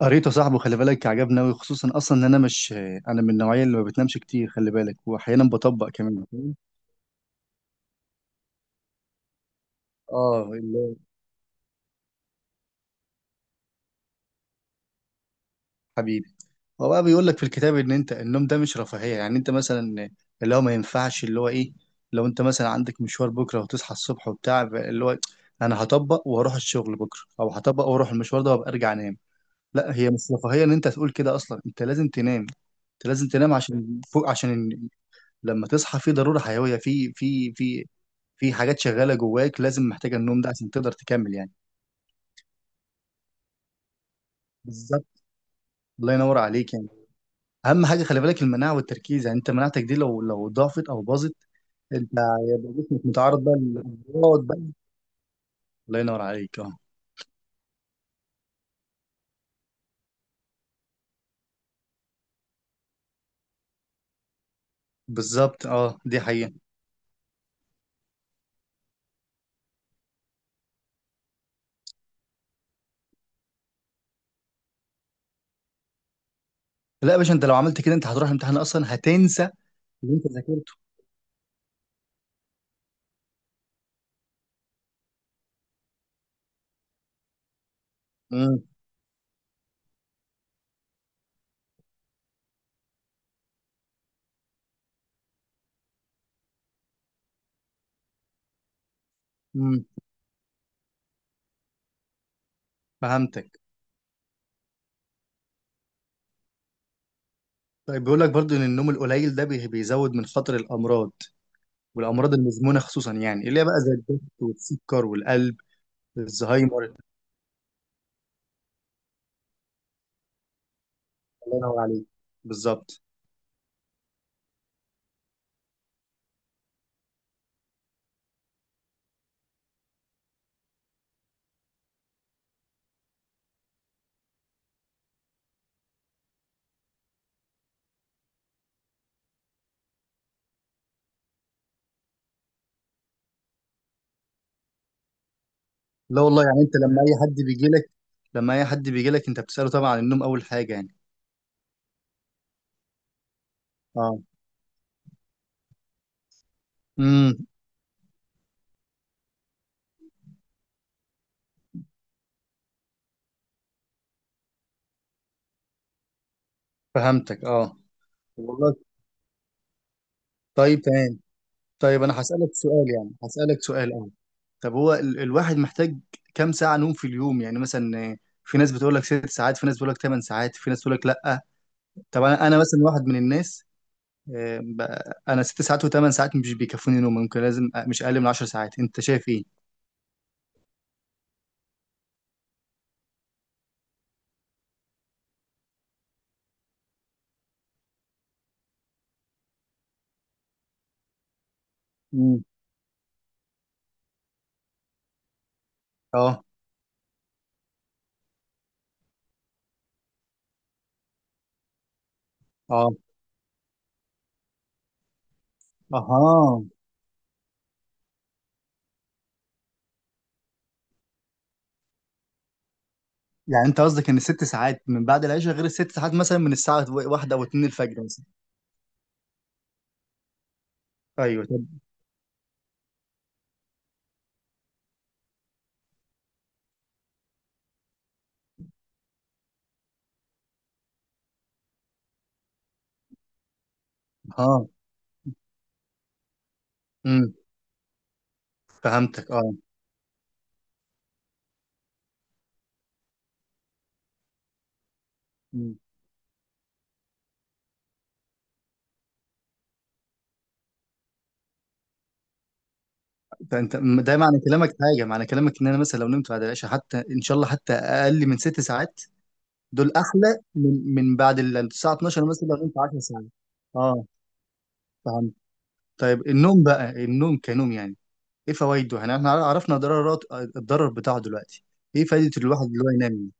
قريته صاحبه. خلي بالك، عجبني أوي، خصوصا أصلا إن أنا مش أنا من النوعية اللي ما بتنامش كتير، خلي بالك، وأحيانا بطبق كمان، فاهم؟ آه، اللي هو حبيبي. هو بقى بيقول لك في الكتاب إن أنت النوم ده مش رفاهية، يعني أنت مثلا اللي هو ما ينفعش، اللي هو إيه، لو أنت مثلا عندك مشوار بكرة وتصحى الصبح وبتاع، اللي هو أنا هطبق وهروح الشغل بكرة، أو هطبق وأروح المشوار ده وأبقى أرجع أنام. لا، هي مش رفاهية إن أنت تقول كده، أصلا أنت لازم تنام. أنت لازم تنام عشان فوق، عشان لما تصحى في ضرورة حيوية، في في حاجات شغالة جواك لازم محتاجة النوم ده عشان تقدر تكمل، يعني. بالظبط. الله ينور عليك يعني. أهم حاجة خلي بالك المناعة والتركيز، يعني أنت مناعتك دي لو ضعفت أو باظت، أنت هيبقى جسمك متعرض بقى للأمراض بقى. الله ينور عليك، أه. بالظبط، أه. دي حقيقة. لا يا باشا، أنت لو عملت كده أنت هتروح الامتحان أصلا هتنسى اللي أنت ذاكرته. امم امم فهمتك. طيب، بيقول لك برضو إن النوم القليل ده بيزود من خطر الأمراض، والامراض المزمنه خصوصا، يعني اللي هي بقى زي الضغط والسكر والقلب، الزهايمر. الله ينور عليك. بالظبط. لا والله، يعني انت لما اي حد بيجي لك، لما اي حد بيجي لك انت بتساله طبعا عن النوم اول حاجه يعني. اه. امم فهمتك، اه. والله. طيب، تمام. طيب، انا هسالك سؤال، يعني هسالك سؤال، اه. طب هو الواحد محتاج كام ساعه نوم في اليوم يعني؟ مثلا في ناس بتقول لك 6 ساعات، في ناس بتقول لك 8 ساعات، في ناس بتقول لك لا. طب انا، مثلا واحد من الناس، آه، ب- انا 6 ساعات وثمان ساعات مش بيكفوني نوم، ممكن لازم مش اقل من عشر ساعات، انت شايف ايه؟ مم. اه. اه. اها. يعني انت قصدك ان الـ6 ساعات من بعد العشاء غير الـ6 ساعات مثلا من الساعه واحدة او اتنين الفجر مثلا؟ ايوه. طب، اه. امم فهمتك، اه. مم. فانت ده معنى كلامك، حاجه معنى كلامك ان انا مثلا لو نمت بعد العشاء حتى ان شاء الله حتى اقل من 6 ساعات، دول احلى من بعد الساعه 12 مثلا لو نمت 10 ساعات؟ اه. فهمت. طيب النوم بقى، النوم كنوم يعني ايه فوائده؟ يعني احنا عرفنا ضررات الضرر بتاعه دلوقتي، ايه فايده الواحد اللي هو ينام؟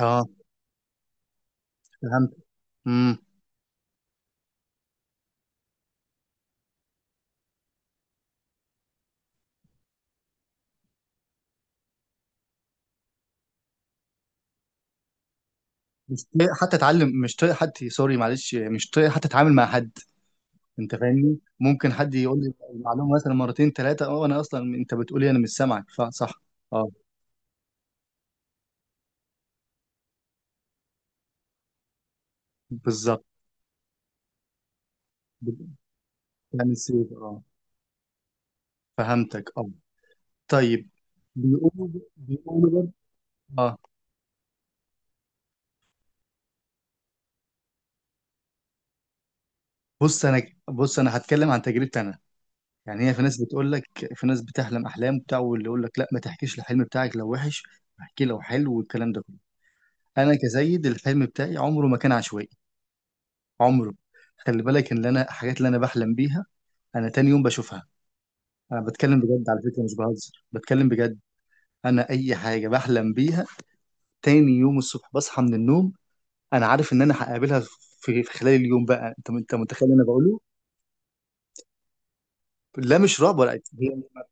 اه. فهمت. امم مش طايق حتى اتعلم، مش طايق حد، سوري، معلش، مش طايق حتى اتعامل مع حد. انت فاهمني، ممكن حد يقول لي المعلومه مثلا مرتين ثلاثه، اه انا اصلا انت بتقولي انا مش سامعك فصح. اه. بالظبط، يعني سيف، اه. فهمتك، اه. طيب. بيقولوا، بيقولوا برضه- اه. بص انا بص انا هتكلم عن تجربتي انا. يعني هي، في ناس بتقول لك، في ناس بتحلم احلام بتاع، واللي يقول لك لا ما تحكيش الحلم بتاعك لو وحش، احكي لو حلو والكلام ده كله. انا كسيد الحلم بتاعي عمره ما كان عشوائي. عمره، خلي بالك ان اللي انا الحاجات اللي انا بحلم بيها، انا تاني يوم بشوفها. انا بتكلم بجد على فكره، مش بهزر، بتكلم بجد. انا اي حاجه بحلم بيها تاني يوم الصبح بصحى من النوم انا عارف ان انا هقابلها في خلال اليوم بقى. انت متخيل اللي انا بقوله؟ لا، مش رعب ولا.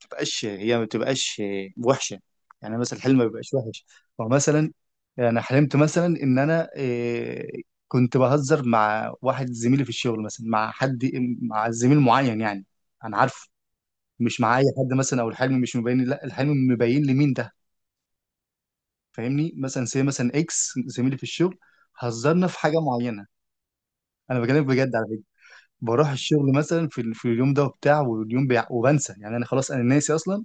هي ما بتبقاش وحشه، يعني مثلا الحلم ما بيبقاش وحش. فمثلا انا حلمت مثلا ان انا كنت بهزر مع واحد زميلي في الشغل مثلا، مع حد، مع زميل معين يعني انا عارفه، مش مع اي حد مثلا، او الحلم مش مبين، لا الحلم مبين لي مين ده، فاهمني؟ مثلا سي مثلا اكس زميلي في الشغل، هزرنا في حاجه معينه. انا بكلمك بجد على فكره. بروح الشغل مثلا في اليوم ده وبتاع، واليوم وبنسى يعني، انا خلاص انا ناسي اصلا.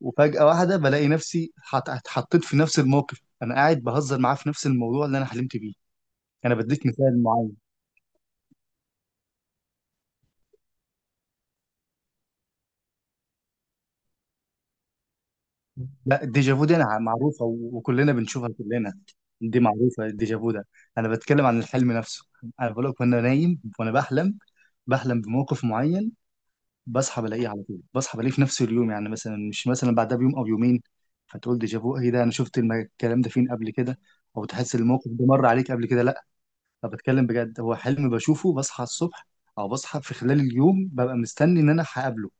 وفجأة واحدة بلاقي نفسي اتحطيت في نفس الموقف، انا قاعد بهزر معاه في نفس الموضوع اللي انا حلمت بيه. انا بديك مثال معين. لا، الديجافو دي انا معروفة، وكلنا بنشوفها كلنا، دي معروفة الديجافو ده. انا بتكلم عن الحلم نفسه، انا بقول لك وانا نايم وانا بحلم، بحلم بموقف معين، بصحى بلاقيه على طول، بصحى بلاقيه في نفس اليوم، يعني مثلا مش مثلا بعدها بيوم او يومين، فتقول ديجافو، ايه ده انا شفت الكلام ده فين قبل كده، او تحس الموقف ده مر عليك قبل كده. طب بتكلم بجد، هو حلم بشوفه، بصحى الصبح او بصحى في خلال اليوم ببقى مستني ان انا هقابله.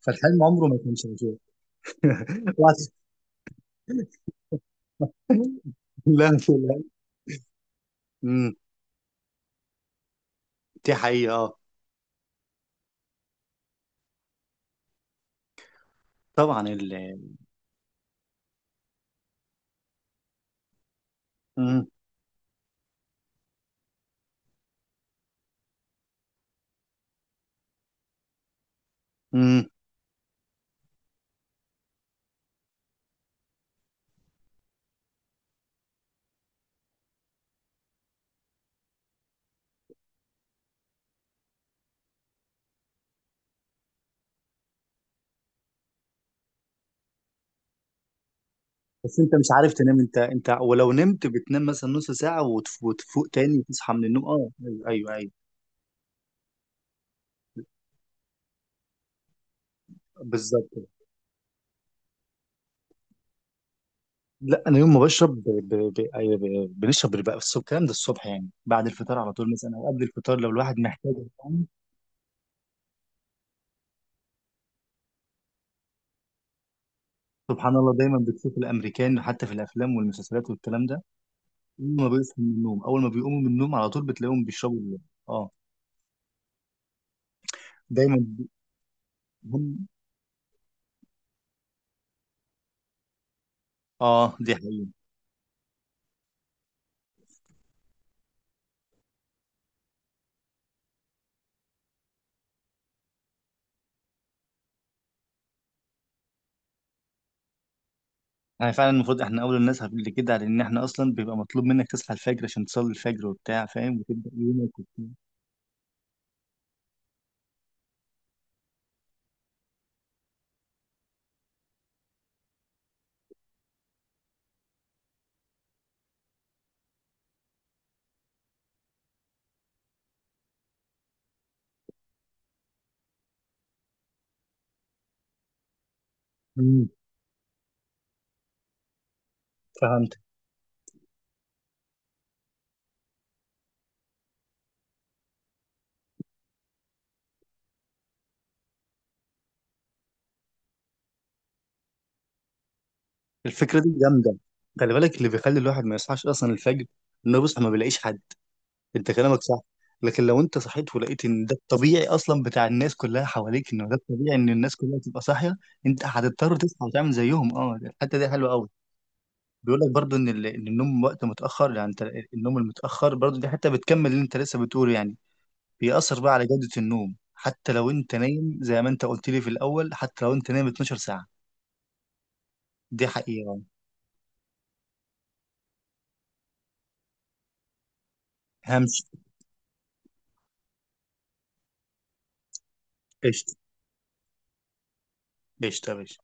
فالحلم عمره ما كان شغال. وعس- لا لا. امم. دي حقيقة، اه. طبعا مم. مم. بس انت مش عارف تنام، انت ولو نمت بتنام مثلا نص ساعة، وتفوق تاني وتصحى من النوم، اه ايوه ايوه, أيوة. بالظبط. لا، انا يوم ما بشرب، أيوة، بنشرب بقى، بس الكلام ده الصبح يعني بعد الفطار على طول مثلا، او قبل الفطار لو الواحد محتاج. سبحان الله، دايما بتشوف الامريكان حتى في الافلام والمسلسلات والكلام ده، اول ما بيصحوا من النوم، اول ما بيقوموا من النوم على طول بتلاقيهم بيشربوا اه. دايما. هم. اه، دي حقيقة. يعني فعلا المفروض احنا اول الناس اللي كده، لان احنا اصلا بيبقى مطلوب منك تصحى الفجر عشان تصلي الفجر وبتاع، فاهم، وتبدا يومك وبتاع. امم فهمت. الفكره دي جامده، خلي بالك اللي بيخلي الواحد ما يصحاش اصلا الفجر انه بيصحى ما بيلاقيش حد. انت كلامك صح، لكن لو انت صحيت ولقيت ان ده الطبيعي اصلا بتاع الناس كلها حواليك، انه ده الطبيعي ان الناس كلها تبقى صاحيه، انت هتضطر تصحى وتعمل زيهم، اه، الحته دي حلوه قوي. بيقول لك برضو ان ان النوم وقت متاخر، يعني انت النوم المتاخر برضو، دي حته بتكمل اللي انت لسه بتقوله، يعني بيأثر بقى على جوده النوم حتى لو انت نايم زي ما انت قلت لي في الاول، حتى لو انت نايم 12 ساعه، دي حقيقه. همشي. قشطه. قشطه يا باشا.